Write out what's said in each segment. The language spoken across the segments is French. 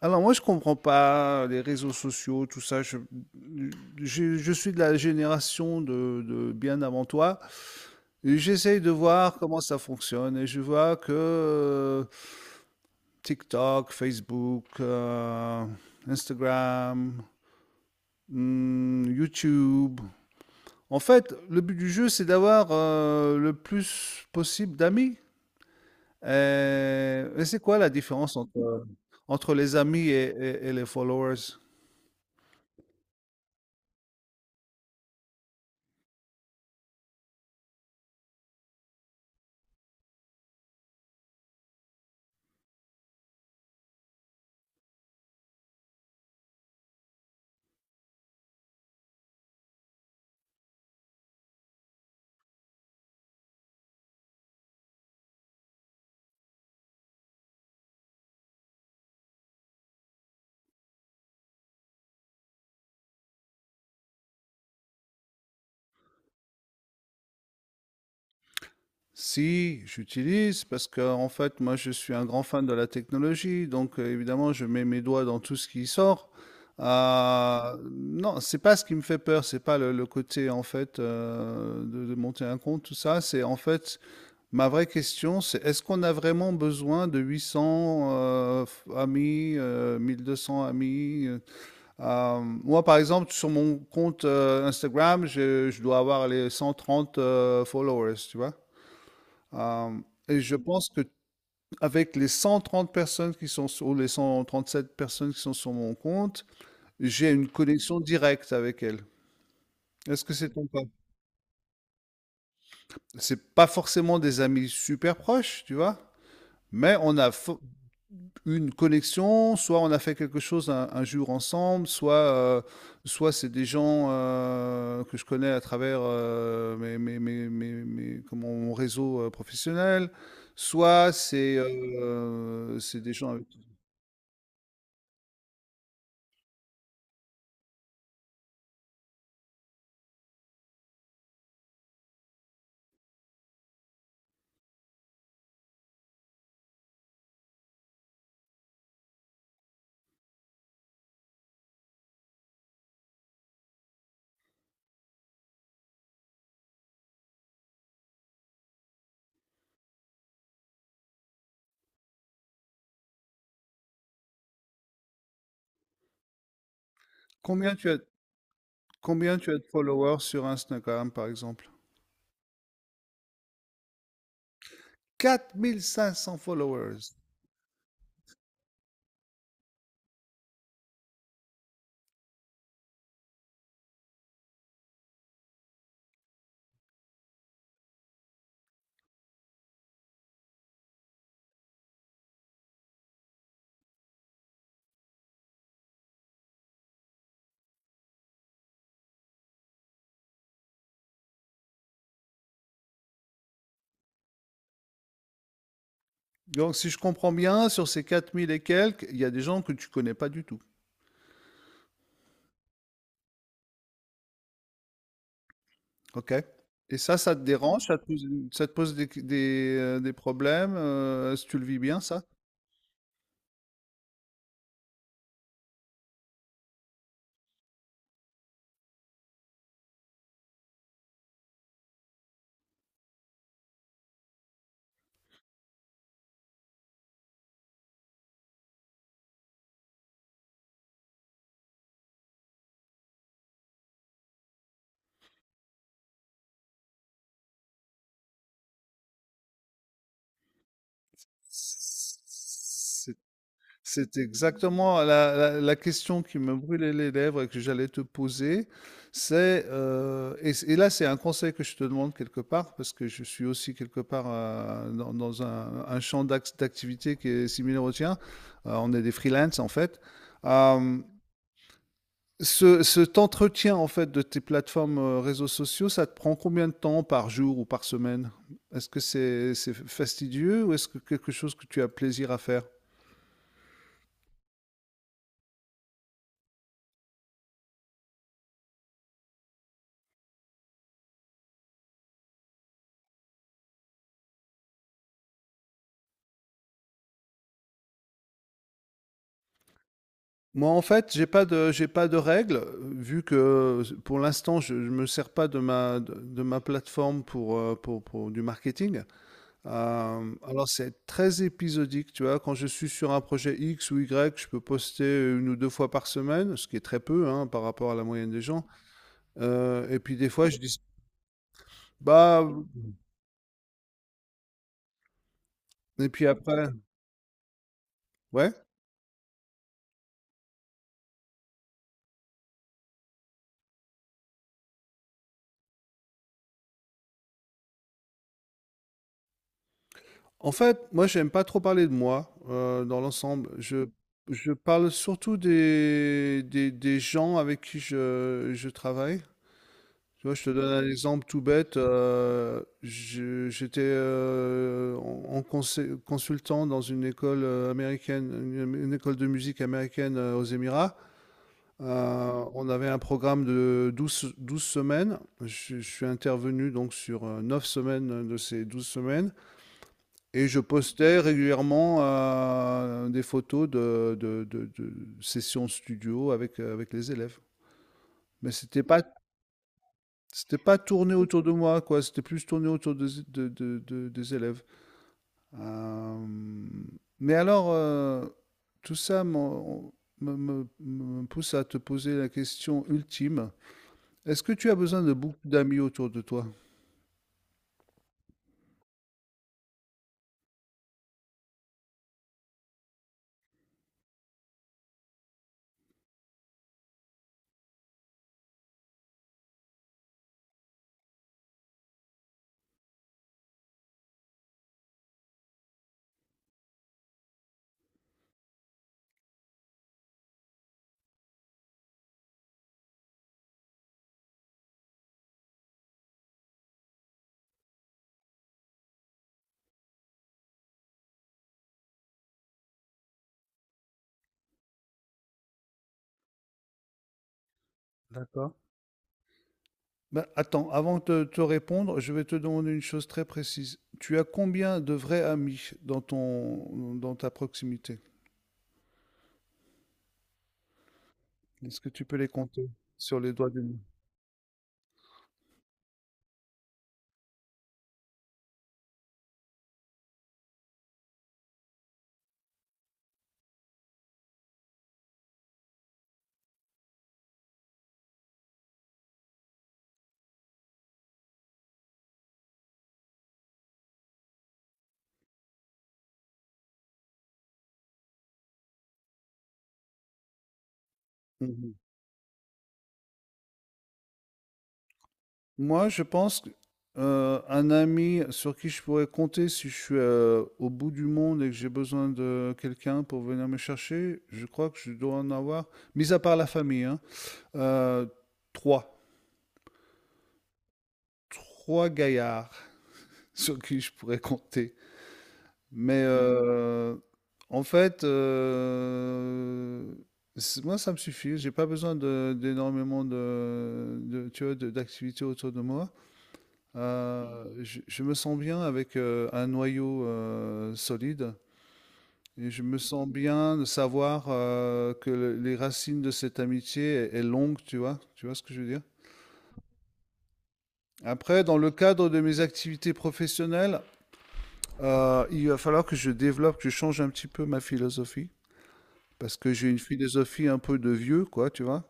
Alors moi je comprends pas les réseaux sociaux, tout ça. Je suis de la génération de bien avant toi. Et j'essaye de voir comment ça fonctionne et je vois que TikTok, Facebook, Instagram, YouTube. En fait, le but du jeu c'est d'avoir le plus possible d'amis. Et c'est quoi la différence entre les amis et les followers? Si, j'utilise parce que en fait, moi, je suis un grand fan de la technologie, donc évidemment, je mets mes doigts dans tout ce qui sort. Non, c'est pas ce qui me fait peur, c'est pas le côté en fait de monter un compte, tout ça. C'est en fait ma vraie question, c'est est-ce qu'on a vraiment besoin de 800 amis, 1200 amis? Moi, par exemple, sur mon compte Instagram, je dois avoir les 130 followers, tu vois. Euh, et je pense que avec les 130 personnes qui sont sur, ou les 137 personnes qui sont sur mon compte, j'ai une connexion directe avec elles. Est-ce que c'est ton cas? C'est pas forcément des amis super proches, tu vois, mais on a une connexion, soit on a fait quelque chose un jour ensemble, soit c'est des gens que je connais à travers mon réseau professionnel, soit c'est des gens. Combien tu as, combien tu as de followers sur Instagram, par exemple? 4 500 followers. Donc, si je comprends bien, sur ces 4 000 et quelques, il y a des gens que tu connais pas du tout. OK? Et ça te dérange? Ça te pose des problèmes? Est-ce que tu le vis bien, ça? C'est exactement la question qui me brûlait les lèvres et que j'allais te poser. C'est, et là, c'est un conseil que je te demande quelque part, parce que je suis aussi quelque part, dans un champ d'activité qui est similaire au tien. On est des freelances, en fait. Hem, ce cet entretien, en fait, de tes plateformes, réseaux sociaux, ça te prend combien de temps par jour ou par semaine? Est-ce que c'est fastidieux ou est-ce que quelque chose que tu as plaisir à faire? Moi, en fait, j'ai pas de règles, vu que s pour l'instant, je me sers pas de ma plateforme pour, pour du marketing. Alors c'est très épisodique, tu vois? Quand je suis sur un projet X ou Y, je peux poster une ou 2 fois par semaine, ce qui est très peu, hein, par rapport à la moyenne des gens. Et puis des fois je dis: «Bah» et puis après ouais? En fait, moi, j'aime pas trop parler de moi dans l'ensemble. Je parle surtout des gens avec qui je travaille. Tu vois, je te donne un exemple tout bête. J'étais en consultant dans une école américaine, une école de musique américaine aux Émirats. On avait un programme de douze semaines. Je suis intervenu donc sur 9 semaines de ces 12 semaines. Et je postais régulièrement des photos de sessions studio avec les élèves. Mais c'était pas tourné autour de moi, quoi. C'était plus tourné autour des, de- des élèves. Euh, mais alors, tout ça m'en- me- me pousse à te poser la question ultime. Est-ce que tu as besoin de beaucoup d'amis autour de toi? D'accord. Bah, attends, avant de te répondre, je vais te demander une chose très précise. Tu as combien de vrais amis dans ta proximité? Est-ce que tu peux les compter sur les doigts d'une main? Mhm. Moi, je pense que, un ami sur qui je pourrais compter si je suis au bout du monde et que j'ai besoin de quelqu'un pour venir me chercher, je crois que je dois en avoir, mis à part la famille, hein, euh, trois. Trois gaillards sur qui je pourrais compter. Mais en fait, euh, moi, ça me suffit. J'ai pas besoin d'énormément tu vois, d'activités autour de moi. Je me sens bien avec un noyau solide. Et je me sens bien de savoir que les racines de cette amitié est longue, tu vois ce que je veux dire? Après, dans le cadre de mes activités professionnelles, il va falloir que je développe, que je change un petit peu ma philosophie, parce que j'ai une philosophie un peu de vieux, quoi, tu vois.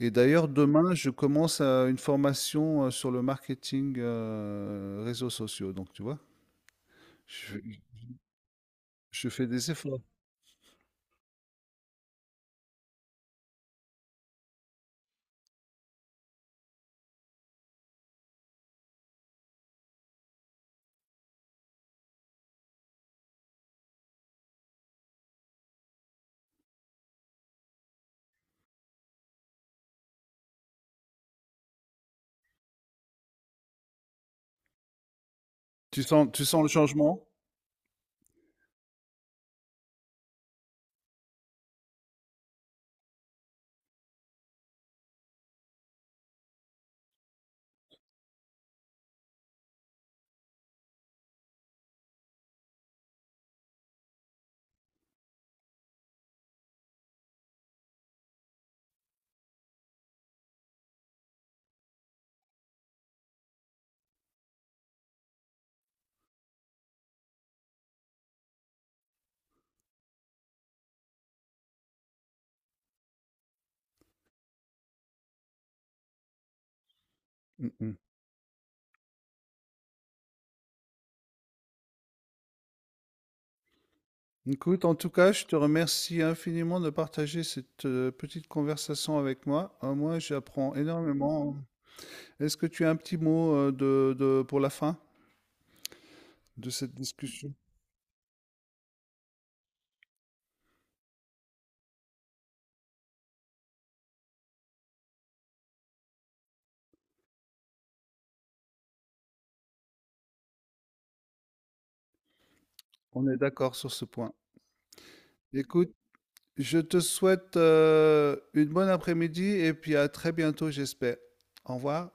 Et d'ailleurs, demain, je commence une formation sur le marketing réseaux sociaux, donc tu vois, je, je fais des efforts. Tu sens le changement? Mm, mm. Écoute, en tout cas, je te remercie infiniment de partager cette petite conversation avec moi. Moi, j'apprends énormément. Est-ce que tu as un petit mot pour la fin de cette discussion? On est d'accord sur ce point. Écoute, je te souhaite une bonne après-midi et puis à très bientôt, j'espère. Au revoir.